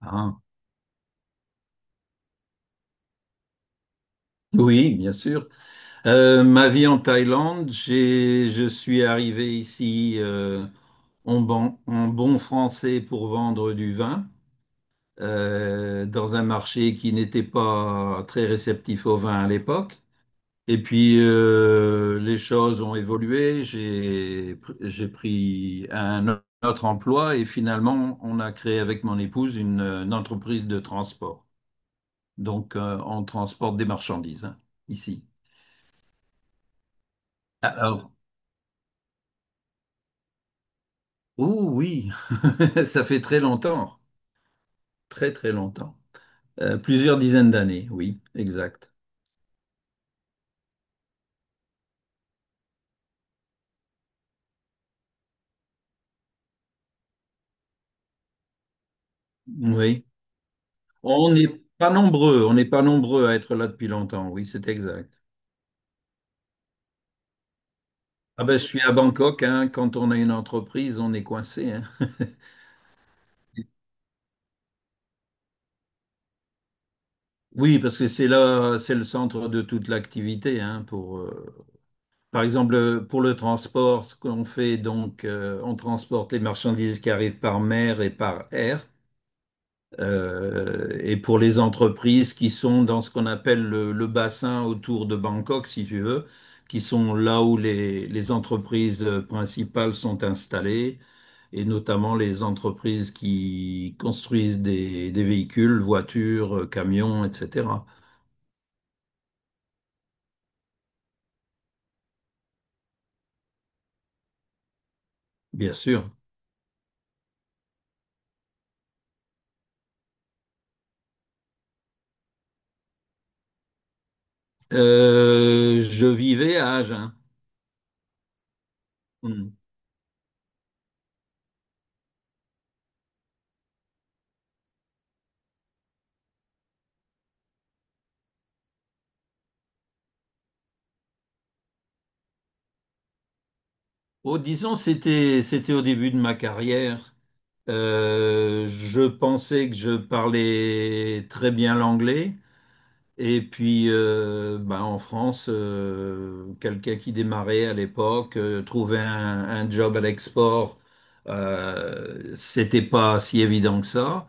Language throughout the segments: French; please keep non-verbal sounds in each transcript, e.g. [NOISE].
Ah, oui, bien sûr. Ma vie en Thaïlande, je suis arrivé ici en bon français pour vendre du vin dans un marché qui n'était pas très réceptif au vin à l'époque. Et puis les choses ont évolué. J'ai pris un autre emploi et finalement on a créé avec mon épouse une entreprise de transport. Donc on transporte des marchandises, hein, ici. Alors, oh oui, [LAUGHS] ça fait très longtemps, très très longtemps. Plusieurs dizaines d'années, oui, exact. Oui, on n'est pas nombreux, on n'est pas nombreux à être là depuis longtemps, oui, c'est exact. Ah ben, je suis à Bangkok, hein, quand on a une entreprise, on est coincé, hein. Oui, parce que c'est là, c'est le centre de toute l'activité, hein, pour, par exemple, pour le transport, ce qu'on fait, donc, on transporte les marchandises qui arrivent par mer et par air. Et pour les entreprises qui sont dans ce qu'on appelle le bassin autour de Bangkok, si tu veux, qui sont là où les entreprises principales sont installées, et notamment les entreprises qui construisent des véhicules, voitures, camions, etc. Bien sûr. Je vivais à Agen. Hmm. Oh, disons, c'était au début de ma carrière. Je pensais que je parlais très bien l'anglais. Et puis, ben, en France, quelqu'un qui démarrait à l'époque, un job à l'export, c'était pas si évident que ça.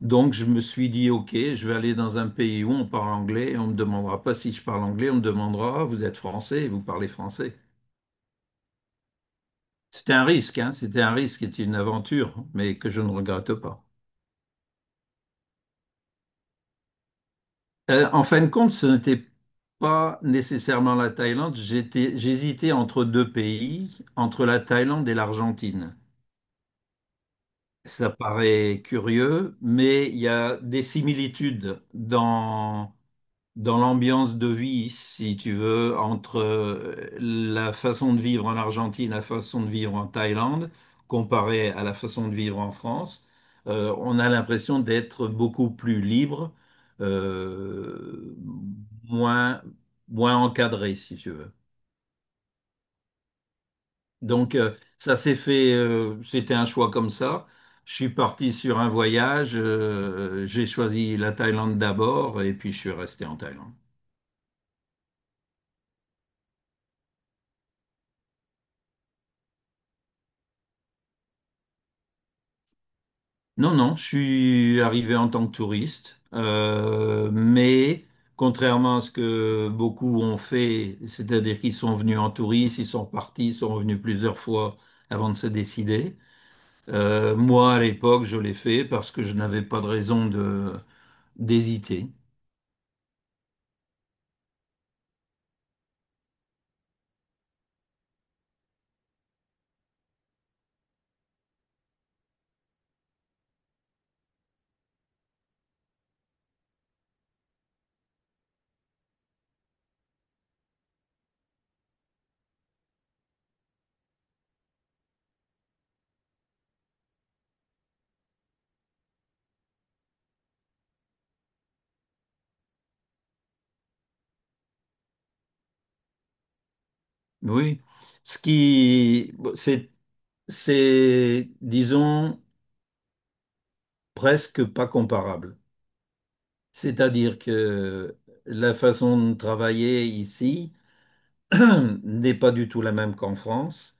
Donc, je me suis dit, OK, je vais aller dans un pays où on parle anglais et on me demandera pas si je parle anglais, on me demandera, vous êtes français, vous parlez français. C'était un risque, hein. C'était un risque et une aventure, mais que je ne regrette pas. En fin de compte, ce n'était pas nécessairement la Thaïlande. J'hésitais entre deux pays, entre la Thaïlande et l'Argentine. Ça paraît curieux, mais il y a des similitudes dans l'ambiance de vie, si tu veux, entre la façon de vivre en Argentine, la façon de vivre en Thaïlande, comparée à la façon de vivre en France, on a l'impression d'être beaucoup plus libre, euh, moins, moins encadré, si tu veux. Donc, ça s'est fait, c'était un choix comme ça. Je suis parti sur un voyage, j'ai choisi la Thaïlande d'abord et puis je suis resté en Thaïlande. Non, non, je suis arrivé en tant que touriste, mais contrairement à ce que beaucoup ont fait, c'est-à-dire qu'ils sont venus en touriste, ils sont partis, ils sont revenus plusieurs fois avant de se décider. Moi, à l'époque, je l'ai fait parce que je n'avais pas de raison de d'hésiter. Oui, ce qui, bon, c'est, disons, presque pas comparable. C'est-à-dire que la façon de travailler ici [CLEARS THROAT] n'est pas du tout la même qu'en France.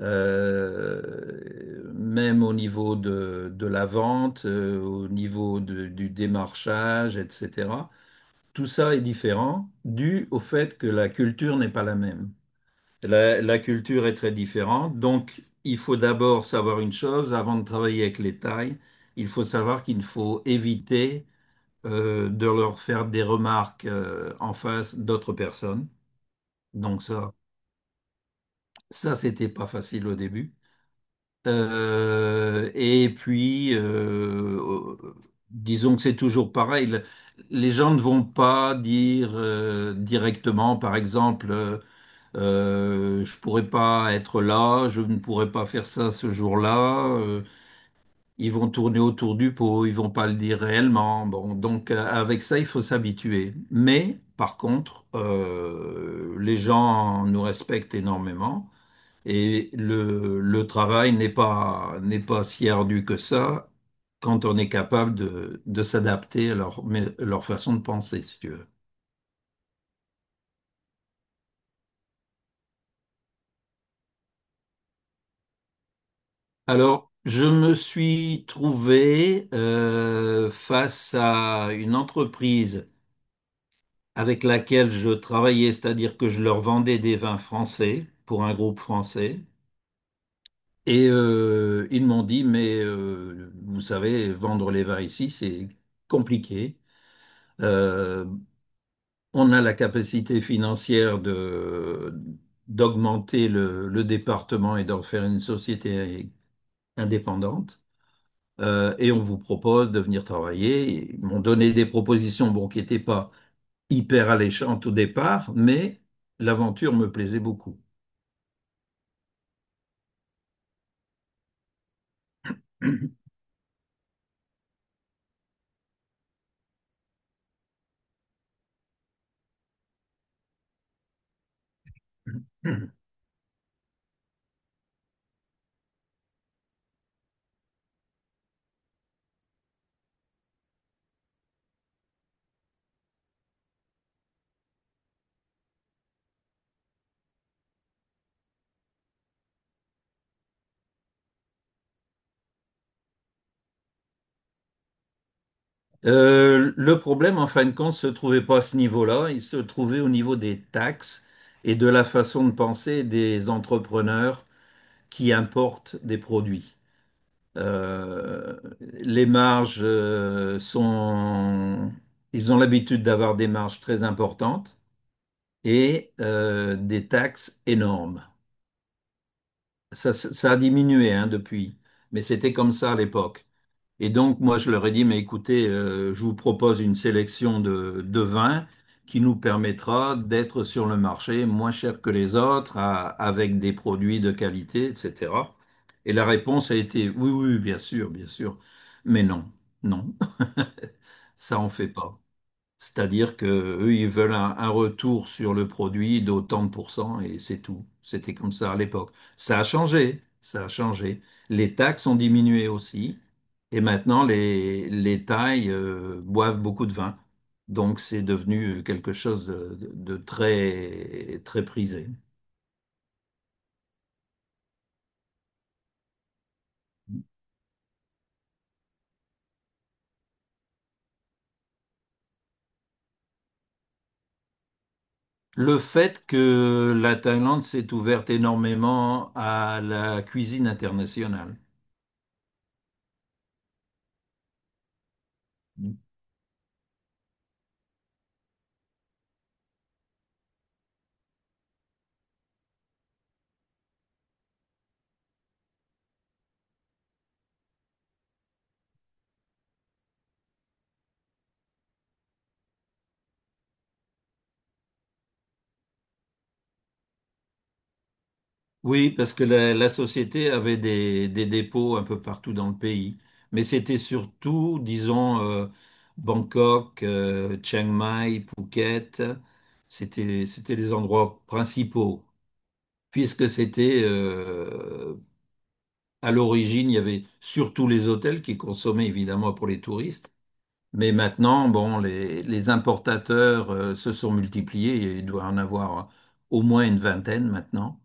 Même au niveau de la vente, au niveau de- du démarchage, etc. Tout ça est différent dû au fait que la culture n'est pas la même. La culture est très différente, donc il faut d'abord savoir une chose, avant de travailler avec les tailles, il faut savoir qu'il faut éviter de leur faire des remarques en face d'autres personnes. Donc ça, Ça, c'était pas facile au début. Et puis, disons que c'est toujours pareil. Les gens ne vont pas dire directement, par exemple, je pourrais pas être là, je ne pourrais pas faire ça ce jour-là. Ils vont tourner autour du pot, ils vont pas le dire réellement. Bon, donc avec ça, il faut s'habituer. Mais par contre, les gens nous respectent énormément. Et le travail n'est pas si ardu que ça quand on est capable de s'adapter à leur façon de penser, si tu veux. Alors, je me suis trouvé face à une entreprise avec laquelle je travaillais, c'est-à-dire que je leur vendais des vins français pour un groupe français. Et ils m'ont dit, mais vous savez, vendre les vins ici, c'est compliqué. Euh, on a la capacité financière de d'augmenter le département et d'en faire une société indépendante. Et on vous propose de venir travailler. Ils m'ont donné des propositions bon, qui n'étaient pas hyper alléchantes au départ, mais l'aventure me plaisait beaucoup. Le problème, en fin de compte, ne se trouvait pas à ce niveau-là, il se trouvait au niveau des taxes et de la façon de penser des entrepreneurs qui importent des produits. Les marges ils ont l'habitude d'avoir des marges très importantes et des taxes énormes. Ça a diminué, hein, depuis, mais c'était comme ça à l'époque. Et donc, moi, je leur ai dit, mais écoutez, je vous propose une sélection de vins qui nous permettra d'être sur le marché moins cher que les autres, à- avec des produits de qualité, etc. Et la réponse a été, oui, oui, bien sûr, mais non, non, [LAUGHS] ça on fait pas. C'est-à-dire que eux, ils veulent un retour sur le produit d'autant de pourcents et c'est tout. C'était comme ça à l'époque. Ça a changé, ça a changé. Les taxes ont diminué aussi et maintenant les Thaïs boivent beaucoup de vin. Donc c'est devenu quelque chose de très, très prisé. Le fait que la Thaïlande s'est ouverte énormément à la cuisine internationale. Oui, parce que la société avait des dépôts un peu partout dans le pays. Mais c'était surtout, disons, Bangkok, Chiang Mai, Phuket. C'était les endroits principaux. Puisque c'était, à l'origine, il y avait surtout les hôtels qui consommaient évidemment pour les touristes. Mais maintenant, bon, les importateurs, se sont multipliés. Il doit en avoir au moins une vingtaine maintenant.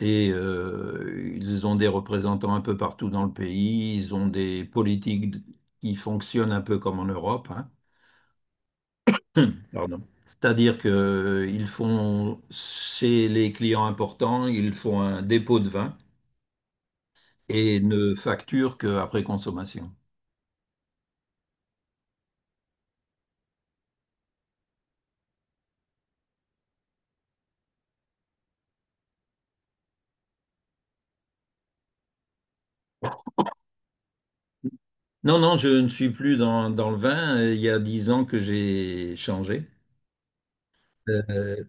Et ils ont des représentants un peu partout dans le pays, ils ont des politiques qui fonctionnent un peu comme en Europe, hein. [CLEARS THROAT] Pardon. C'est-à-dire qu'ils font, chez les clients importants, ils font un dépôt de vin et ne facturent qu'après consommation. Non, non, je ne suis plus dans le vin. Il y a 10 ans que j'ai changé. Euh,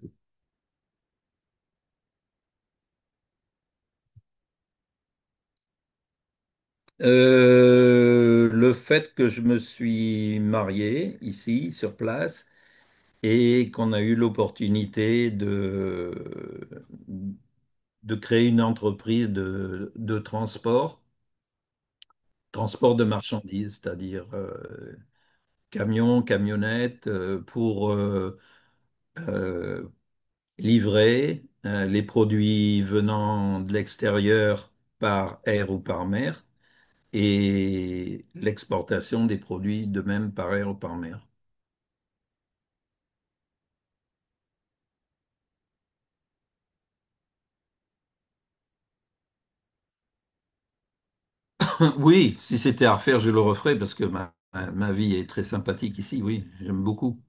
le fait que je me suis marié ici, sur place, et qu'on a eu l'opportunité de créer une entreprise de transport, transport de marchandises, c'est-à-dire camions, camionnettes pour euh, livrer les produits venant de l'extérieur par air ou par mer et l'exportation des produits de même par air ou par mer. Oui, si c'était à refaire, je le referais parce que ma vie est très sympathique ici. Oui, j'aime beaucoup.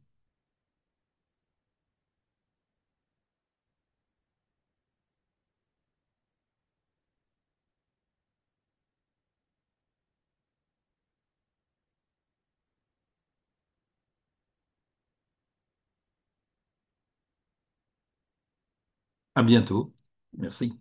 À bientôt. Merci.